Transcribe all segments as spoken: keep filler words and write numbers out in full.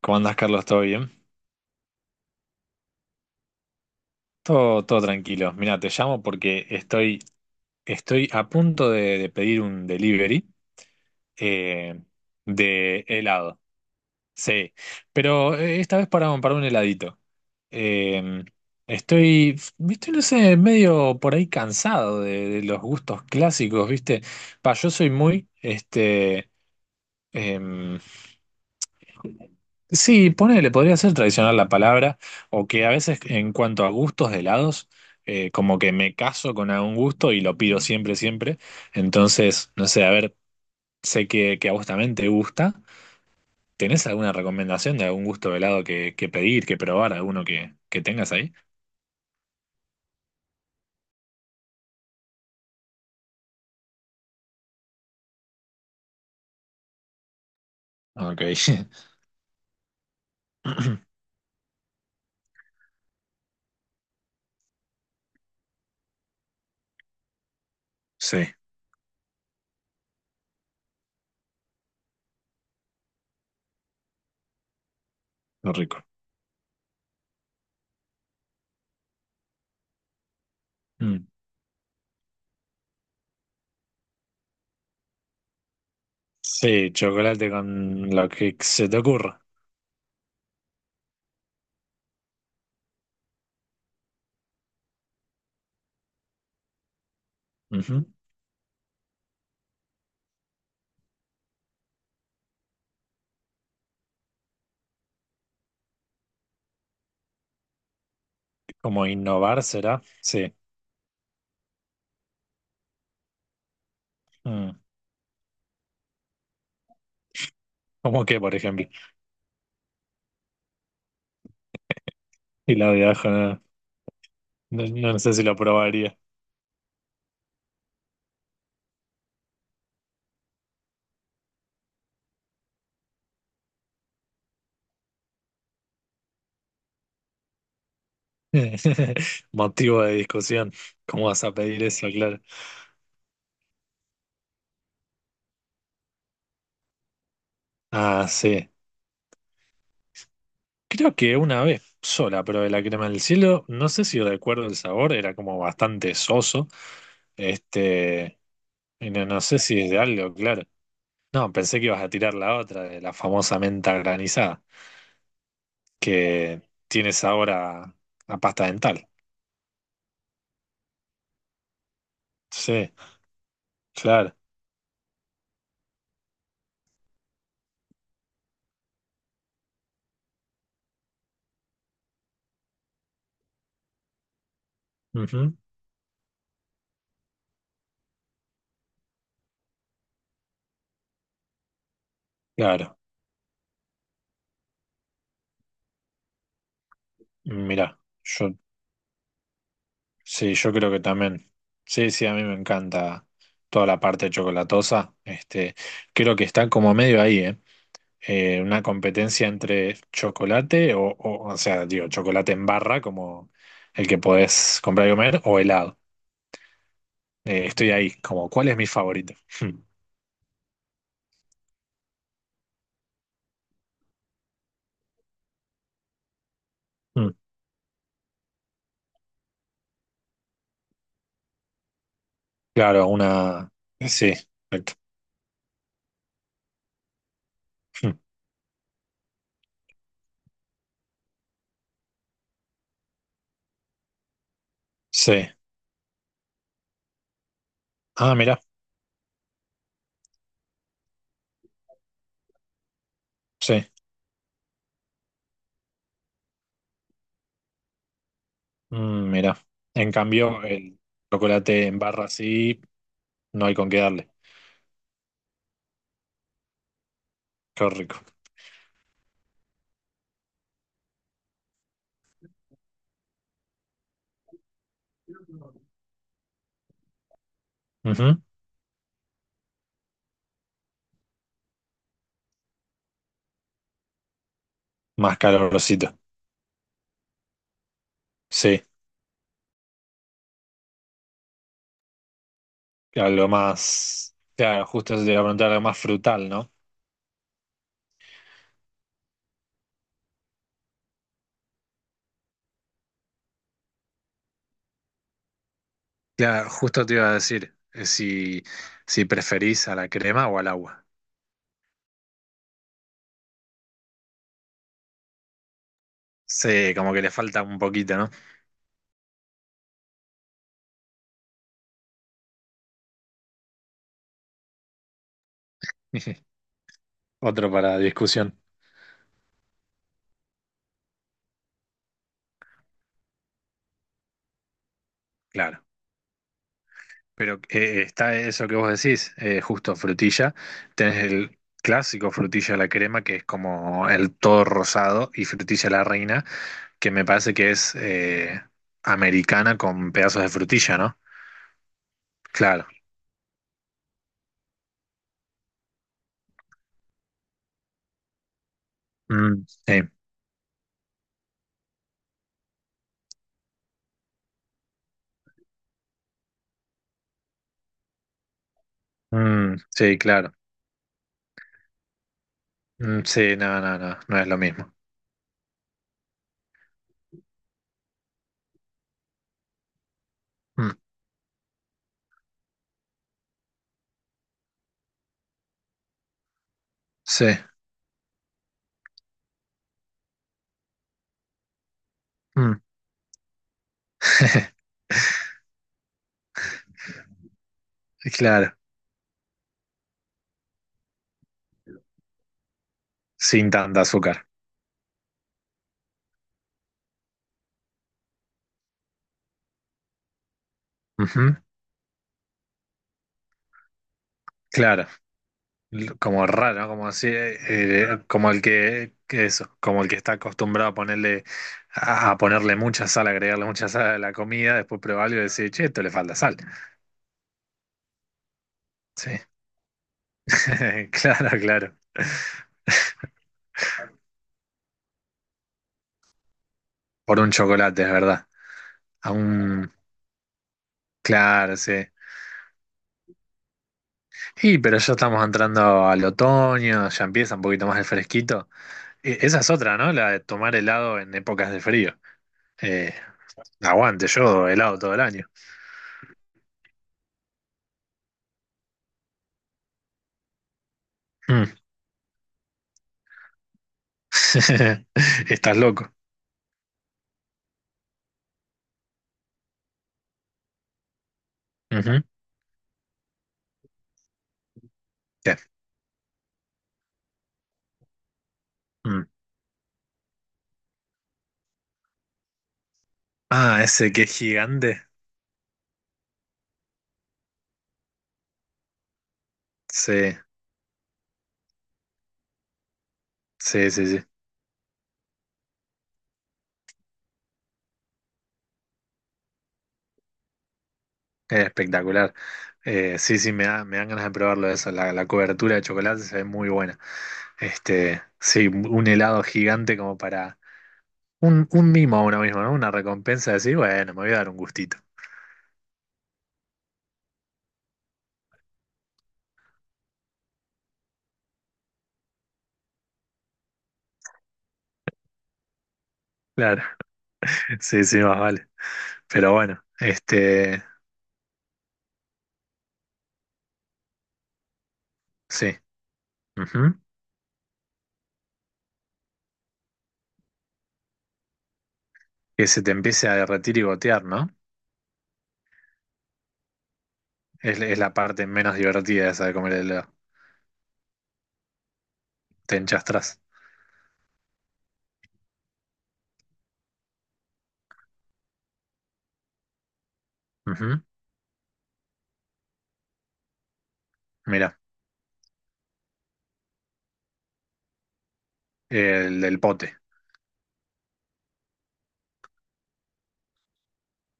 ¿Cómo andás, Carlos? ¿Todo bien? Todo, todo tranquilo. Mira, te llamo porque estoy, estoy a punto de, de pedir un delivery eh, de helado. Sí, pero eh, esta vez para, un- para un heladito. Eh, estoy, estoy, no sé, medio por ahí cansado de, de los gustos clásicos, ¿viste? Pa, yo soy muy, este, em, sí, ponele, podría ser tradicional la palabra, o que a veces en cuanto a gustos de helados, eh, como que me caso con algún gusto y lo pido siempre, siempre. Entonces, no sé, a ver, sé que, que a vos también te gusta. ¿Tenés alguna recomendación de algún gusto de helado que, que pedir, que probar, alguno que, que tengas ahí? Ok. Sí, lo rico. Mm. Sí, chocolate con lo que se te ocurra. Ujú. Como innovar será. Sí. Mm. ¿Cómo qué, por ejemplo? Y la de ajo, ¿no? No, no sé si lo probaría. Motivo de discusión. ¿Cómo vas a pedir eso, claro? Ah, sí. Creo que una vez sola probé la crema del cielo. No sé si recuerdo el sabor, era como bastante soso. Este, y no, no sé si es de algo, claro. No, pensé que ibas a tirar la otra, de la famosa menta granizada, que tiene sabor a, a pasta dental. Sí, claro. Ujú, claro. Mirá, yo sí, yo creo que también. Sí, sí, a mí me encanta toda la parte chocolatosa. Este, creo que está como medio ahí, ¿eh? Eh, una competencia entre chocolate o, o, o sea, digo, chocolate en barra, como el que podés comprar y comer, o helado. Eh, estoy ahí, como, ¿cuál es mi favorito? Mm, mm. Claro, una... Sí, perfecto. Mm, sí. Ah, mira, sí. Mm, mira. En cambio, el chocolate en barra sí, no hay con qué darle. Qué rico. Ujú. Más calorosito. Sí, algo más. Claro, justo te iba a preguntar algo más frutal, ¿no? Claro, justo te iba a decir eh, si, si preferís a la crema o al agua. Sí, como que le falta un poquito, ¿no? Otro para discusión. Claro. Pero eh, eh, está eso que vos decís, eh, justo frutilla. Tenés el clásico frutilla a la crema, que es como el todo rosado, y frutilla a la reina, que me parece que es eh, americana con pedazos de frutilla, ¿no? Claro. Mm, sí, mm, sí, claro. Mm, sí, no, no, no, no es lo mismo. Mm, sí, mm. Claro, sin tanta azúcar. Ujú, claro, L- como raro, ¿no? Como así, eh, eh, como el que, que eso, como el que está acostumbrado a ponerle, a, a ponerle mucha sal, agregarle mucha sal a la comida, después prueba algo y decir, che, esto le falta sal. Sí, claro, claro. Por un chocolate, es verdad. A un, claro, sí. Sí, pero ya estamos entrando al otoño, ya empieza un poquito más el fresquito. E- Esa es otra, ¿no? La de tomar helado en épocas de frío. Eh, aguante, yo helado todo el año. Mm. Estás loco. Ujú. ¿Qué? Mm. Ah, ese que es gigante. Sí, sí, sí, sí. Es espectacular. Eh, sí, sí, me da- me dan ganas de probarlo eso. La, la cobertura de chocolate se ve muy buena. Este, sí, un helado gigante como para Un, un mimo a uno mismo, ¿no? Una recompensa de decir, bueno, me voy a dar un gustito. Claro, sí, sí, más vale. Pero bueno, este, sí. Ujú. Que se te empiece a derretir y gotear, ¿no? Es, es la parte menos divertida esa de comer el helado. Te enchastras. Ujú. Mira, el del pote.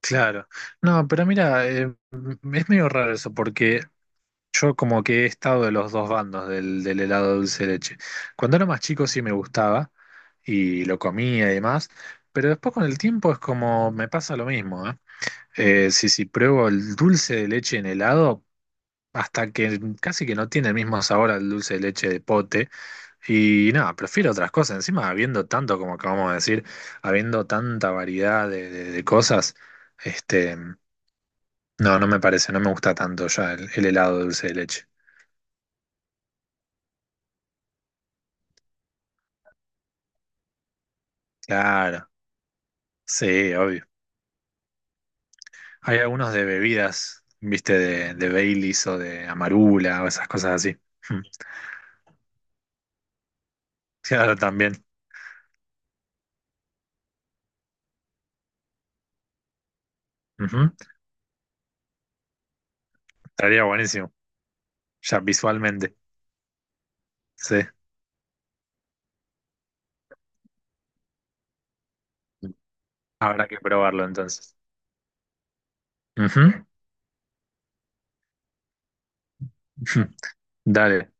Claro. No, pero mira, eh, es medio raro eso, porque yo como que he estado de los dos bandos del, del helado dulce de leche. Cuando era más chico sí me gustaba y lo comía y demás, pero después con el tiempo es como me pasa lo mismo, ¿eh? Eh, si, si pruebo el dulce de leche en helado, hasta que casi que no tiene el mismo sabor al dulce de leche de pote. Y nada, prefiero otras cosas. Encima, habiendo tanto, como acabamos de decir, habiendo tanta variedad de, de- de cosas, este, no, no me parece, no me gusta tanto ya el, el helado de dulce de leche. Claro. Sí, obvio. Hay algunos de bebidas, viste, de, de Baileys o de Amarula o esas cosas así. Mm. Claro, también. Ujú. Estaría buenísimo, ya visualmente. Sí, habrá que probarlo entonces. Ujú. Ujú. Dale,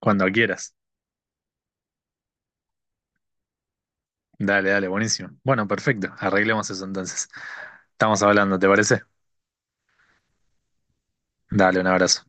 cuando quieras. Dale, dale, buenísimo. Bueno, perfecto. Arreglemos eso entonces. Estamos hablando, ¿te parece? Dale, un abrazo.